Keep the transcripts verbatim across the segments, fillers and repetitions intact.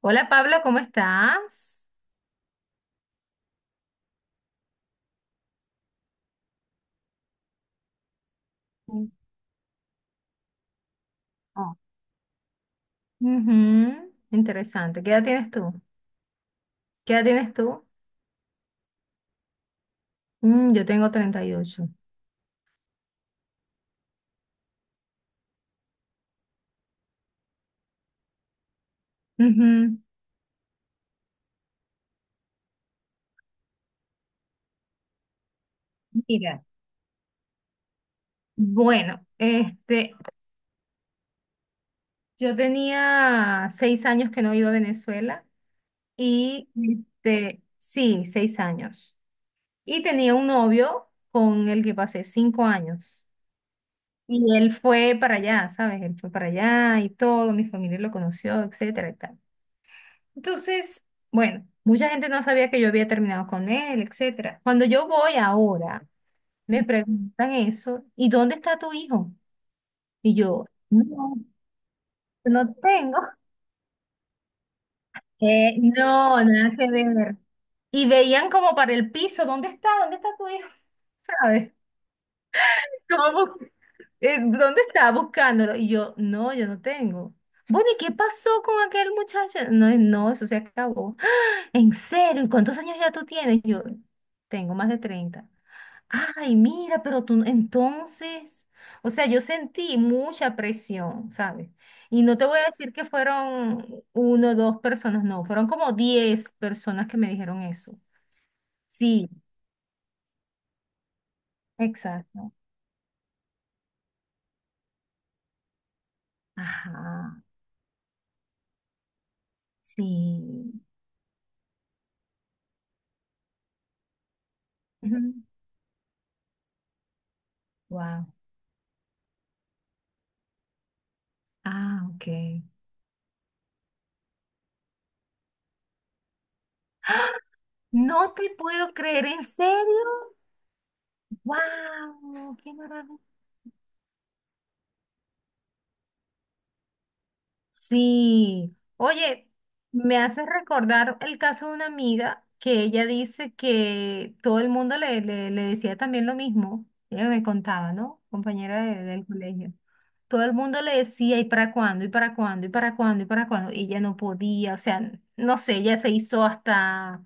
Hola Pablo, ¿cómo estás? Sí. Ah. Ujú. Interesante. ¿Qué edad tienes tú? ¿Qué edad tienes tú? Mm, yo tengo treinta y ocho. Ujú. Mira, bueno, este, yo tenía seis años que no iba a Venezuela y este, sí, seis años. Y tenía un novio con el que pasé cinco años. Y él fue para allá, ¿sabes? Él fue para allá y todo, mi familia lo conoció, etcétera y tal. Entonces, bueno, mucha gente no sabía que yo había terminado con él, etcétera. Cuando yo voy ahora, me preguntan eso, ¿y dónde está tu hijo? Y yo, no, no tengo. Eh, no, nada que ver. Y veían como para el piso, ¿dónde está? ¿Dónde está tu hijo? ¿Sabes? Como bu- eh, ¿Dónde está? Buscándolo. Y yo, no, yo no tengo. Bueno, ¿y qué pasó con aquel muchacho? No, no, eso se acabó. "¡Ah! ¿En serio? ¿Y cuántos años ya tú tienes?" Y yo, tengo más de treinta. Ay, mira, pero tú entonces, o sea, yo sentí mucha presión, ¿sabes? Y no te voy a decir que fueron uno o dos personas, no, fueron como diez personas que me dijeron eso. Sí, exacto. Ajá, sí. Wow. Ah, ok. ¡Ah! No te puedo creer, ¿en serio? Wow, qué maravilla. Sí, oye, me hace recordar el caso de una amiga que ella dice que todo el mundo le, le- le decía también lo mismo. Ella me contaba, ¿no? Compañera de- del colegio. Todo el mundo le decía, ¿y para cuándo? ¿Y para cuándo? ¿Y para cuándo? ¿Y para cuándo? Y ella no podía, o sea, n- no sé, ella se hizo hasta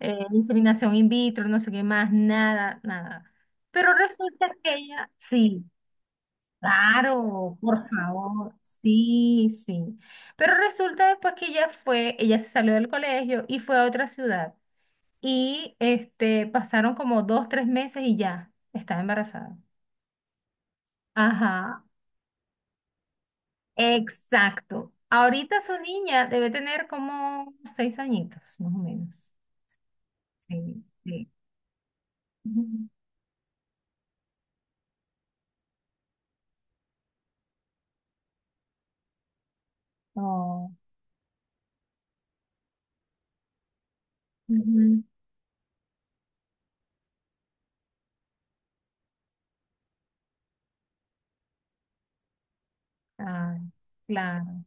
eh, inseminación in vitro, no sé qué más, nada, nada. Pero resulta que ella, sí. Claro, por favor, sí, sí. Pero resulta después que ella fue, ella se salió del colegio y fue a otra ciudad. Y este, pasaron como dos, tres meses y ya estaba embarazada. Ajá, exacto. Ahorita su niña debe tener como seis añitos, más o menos. Sí, sí. Ujú. Oh, ujú. Ay, claro.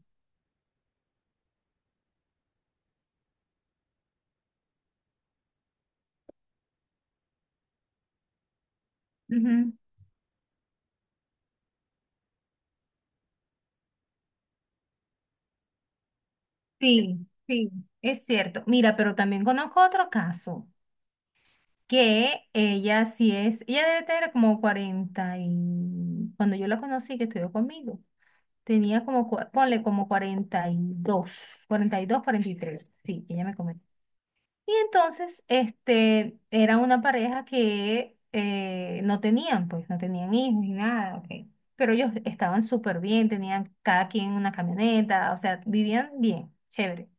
Ujú. Sí, sí, es cierto. Mira, pero también conozco otro caso. Que ella sí es, ella debe tener como cuarenta y cuando yo la conocí que estudió conmigo, tenía como, cua- ponle como cuarenta cuarenta y y dos cuarenta y dos cuarenta y tres, sí, ella me comentó. Y entonces, este, era una pareja que eh, no tenían, pues, no tenían hijos ni nada, ok. Pero ellos estaban súper bien, tenían cada quien una camioneta, o sea, vivían bien, chévere.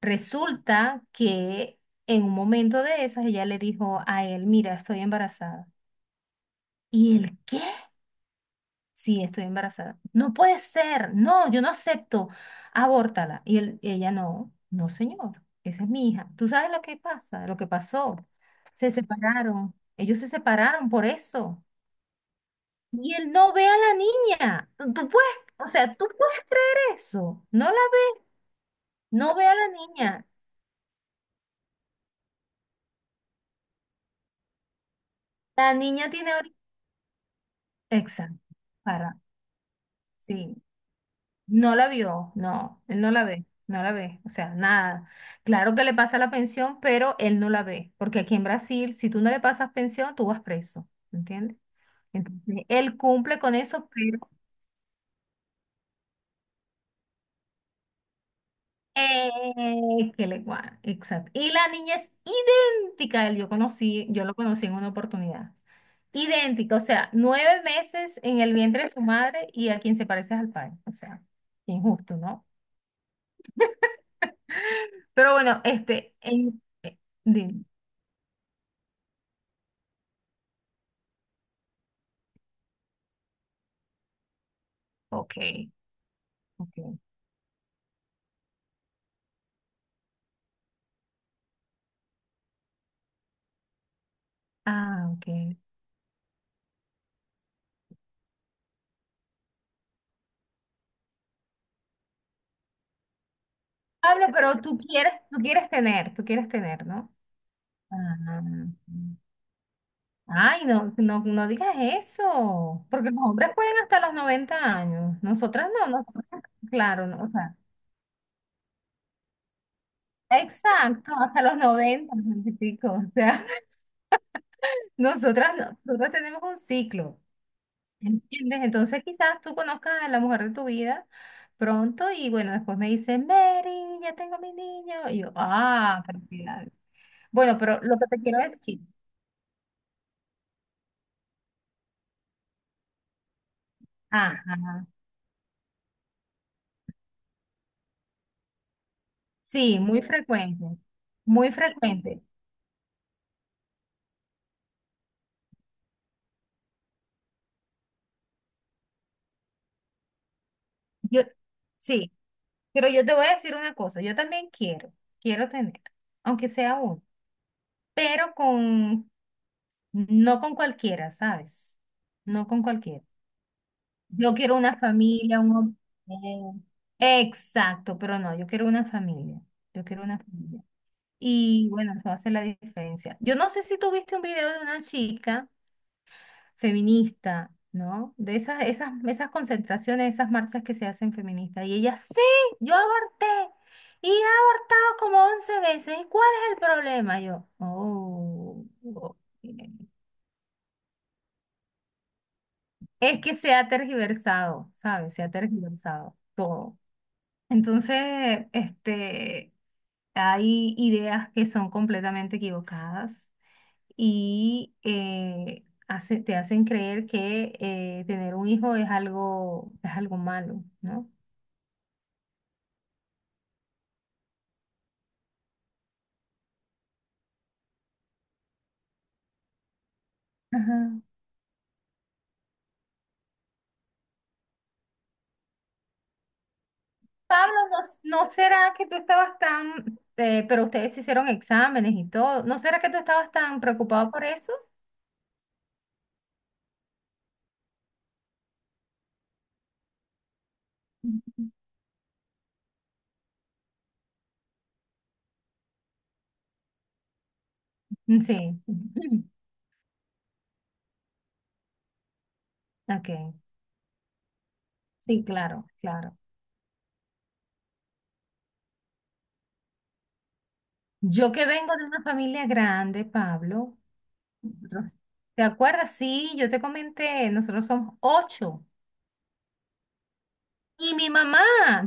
Resulta que en un momento de esas ella le dijo a él, mira, estoy embarazada. ¿Y él qué? Sí, estoy embarazada. No puede ser, no, yo no acepto, abórtala. Y él, ella no, no señor, esa es mi hija. ¿Tú sabes lo que pasa, lo que pasó? Se separaron, ellos se separaron por eso. Y él no ve a la niña. Tú tú puedes, o sea, tú puedes creer eso. No la, no ve a la niña. La niña tiene ahorita. Exacto. Para. Sí. No la vio, no, él no la ve, no la ve, o sea, nada. Claro que le pasa la pensión, pero él no la ve, porque aquí en Brasil, si tú no le pasas pensión, tú vas preso, ¿entiendes? Entonces, él cumple con eso, pero. Eh, que le guan- exacto. Y la niña es idéntica a él, yo conocí, yo lo conocí en una oportunidad. Idéntica, o sea, nueve meses en el vientre de su madre y a quien se parece es al padre, o sea, injusto, ¿no? Pero bueno, este, en, eh, dime, ok. Okay. Ah, ok. Pablo, pero tú quieres, tú quieres tener, tú quieres tener, ¿no? Ah. Ay, no, no, no digas eso, porque los hombres pueden hasta los noventa años, nosotras no, nosotras, claro, no, o sea, exacto, hasta los noventa, noventa y pico, o sea, nosotras no, nosotras tenemos un ciclo. ¿Entiendes? Entonces quizás tú conozcas a la mujer de tu vida pronto y bueno, después me dice, Mary, ya tengo mi niño. Y yo, ah, felicidades. Bueno, pero lo que te quiero decir, ajá, sí, muy frecuente, muy frecuente. Yo, sí, pero yo te voy a decir una cosa, yo también quiero, quiero tener, aunque sea uno, pero con, no con cualquiera, ¿sabes? No con cualquiera. Yo quiero una familia, un... hom- eh, Exacto, pero no, yo quiero una familia. Yo quiero una familia. Y bueno, eso hace la diferencia. Yo no sé si tuviste un video de una chica feminista, ¿no? De esas, esas, esas concentraciones, esas marchas que se hacen feministas. Y ella, sí, yo aborté. Y he abortado como once veces. ¿Y cuál es el problema? Yo, oh, ok". Es que se ha tergiversado, ¿sabes? Se ha tergiversado todo. Entonces, este, hay ideas que son completamente equivocadas y eh, hace- te hacen creer que eh, tener un hijo es algo, es algo malo, ¿no? Ajá. Pablo, ¿no, no será que tú estabas tan, eh, pero ustedes hicieron exámenes y todo, ¿no será que tú estabas tan preocupado por eso? Ujú. Sí. Ok, sí, claro, claro. Yo que vengo de una familia grande, Pablo, nosotros- ¿te acuerdas? Sí, yo te comenté, nosotros somos ocho. Y mi mamá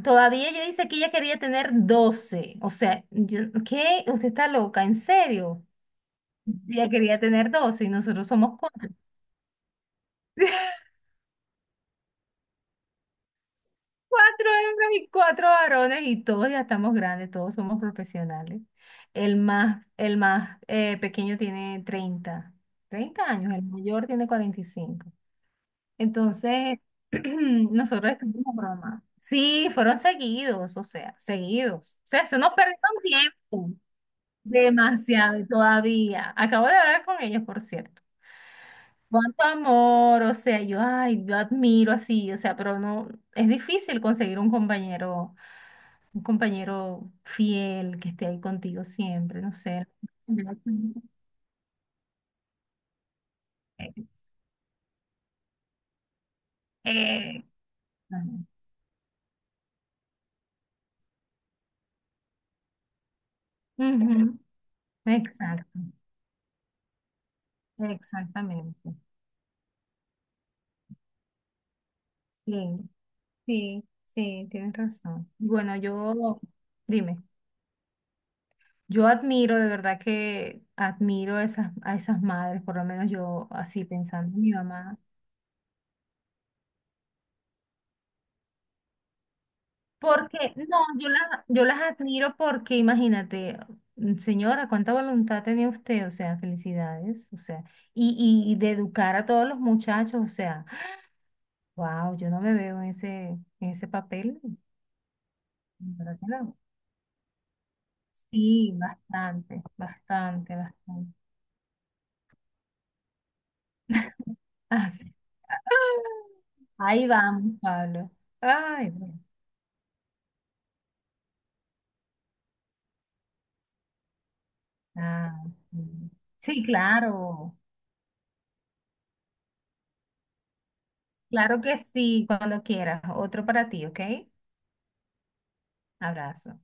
todavía ella dice que ella quería tener doce. O sea, yo- ¿qué? Usted está loca, ¿en serio? Ella quería tener doce y nosotros somos cuatro. Cuatro hembras y cuatro varones y todos ya estamos grandes, todos somos profesionales. El más, el más eh, pequeño tiene treinta, treinta años, el mayor tiene cuarenta y cinco. Entonces, nosotros estamos como broma. Sí, fueron seguidos, o sea, seguidos. O sea, se nos perdió un tiempo. Demasiado y todavía. Acabo de hablar con ellos, por cierto. Cuánto amor, o sea, yo, ay, yo admiro así, o sea, pero no, es difícil conseguir un compañero, un compañero fiel que esté ahí contigo siempre, no sé. Eh, eh, ujú, Exacto, exactamente. Sí. Sí, sí, tienes razón. Bueno, yo, dime, yo admiro, de verdad que admiro a esas, a esas madres, por lo menos yo así pensando, en mi mamá. Porque, no, yo las, yo las admiro porque, imagínate, mm, señora, cuánta voluntad tenía usted, o sea, felicidades, o sea, y, y, y de educar a todos los muchachos, o sea, wow, yo no me veo en ese, en ese, papel, ¿verdad que no? Sí, bastante, bastante, bastante. Así. Ahí vamos, Pablo. Ay, bueno. Ah, sí. Sí, claro. Claro que sí, cuando quieras. Otro para ti, ¿ok? Abrazo.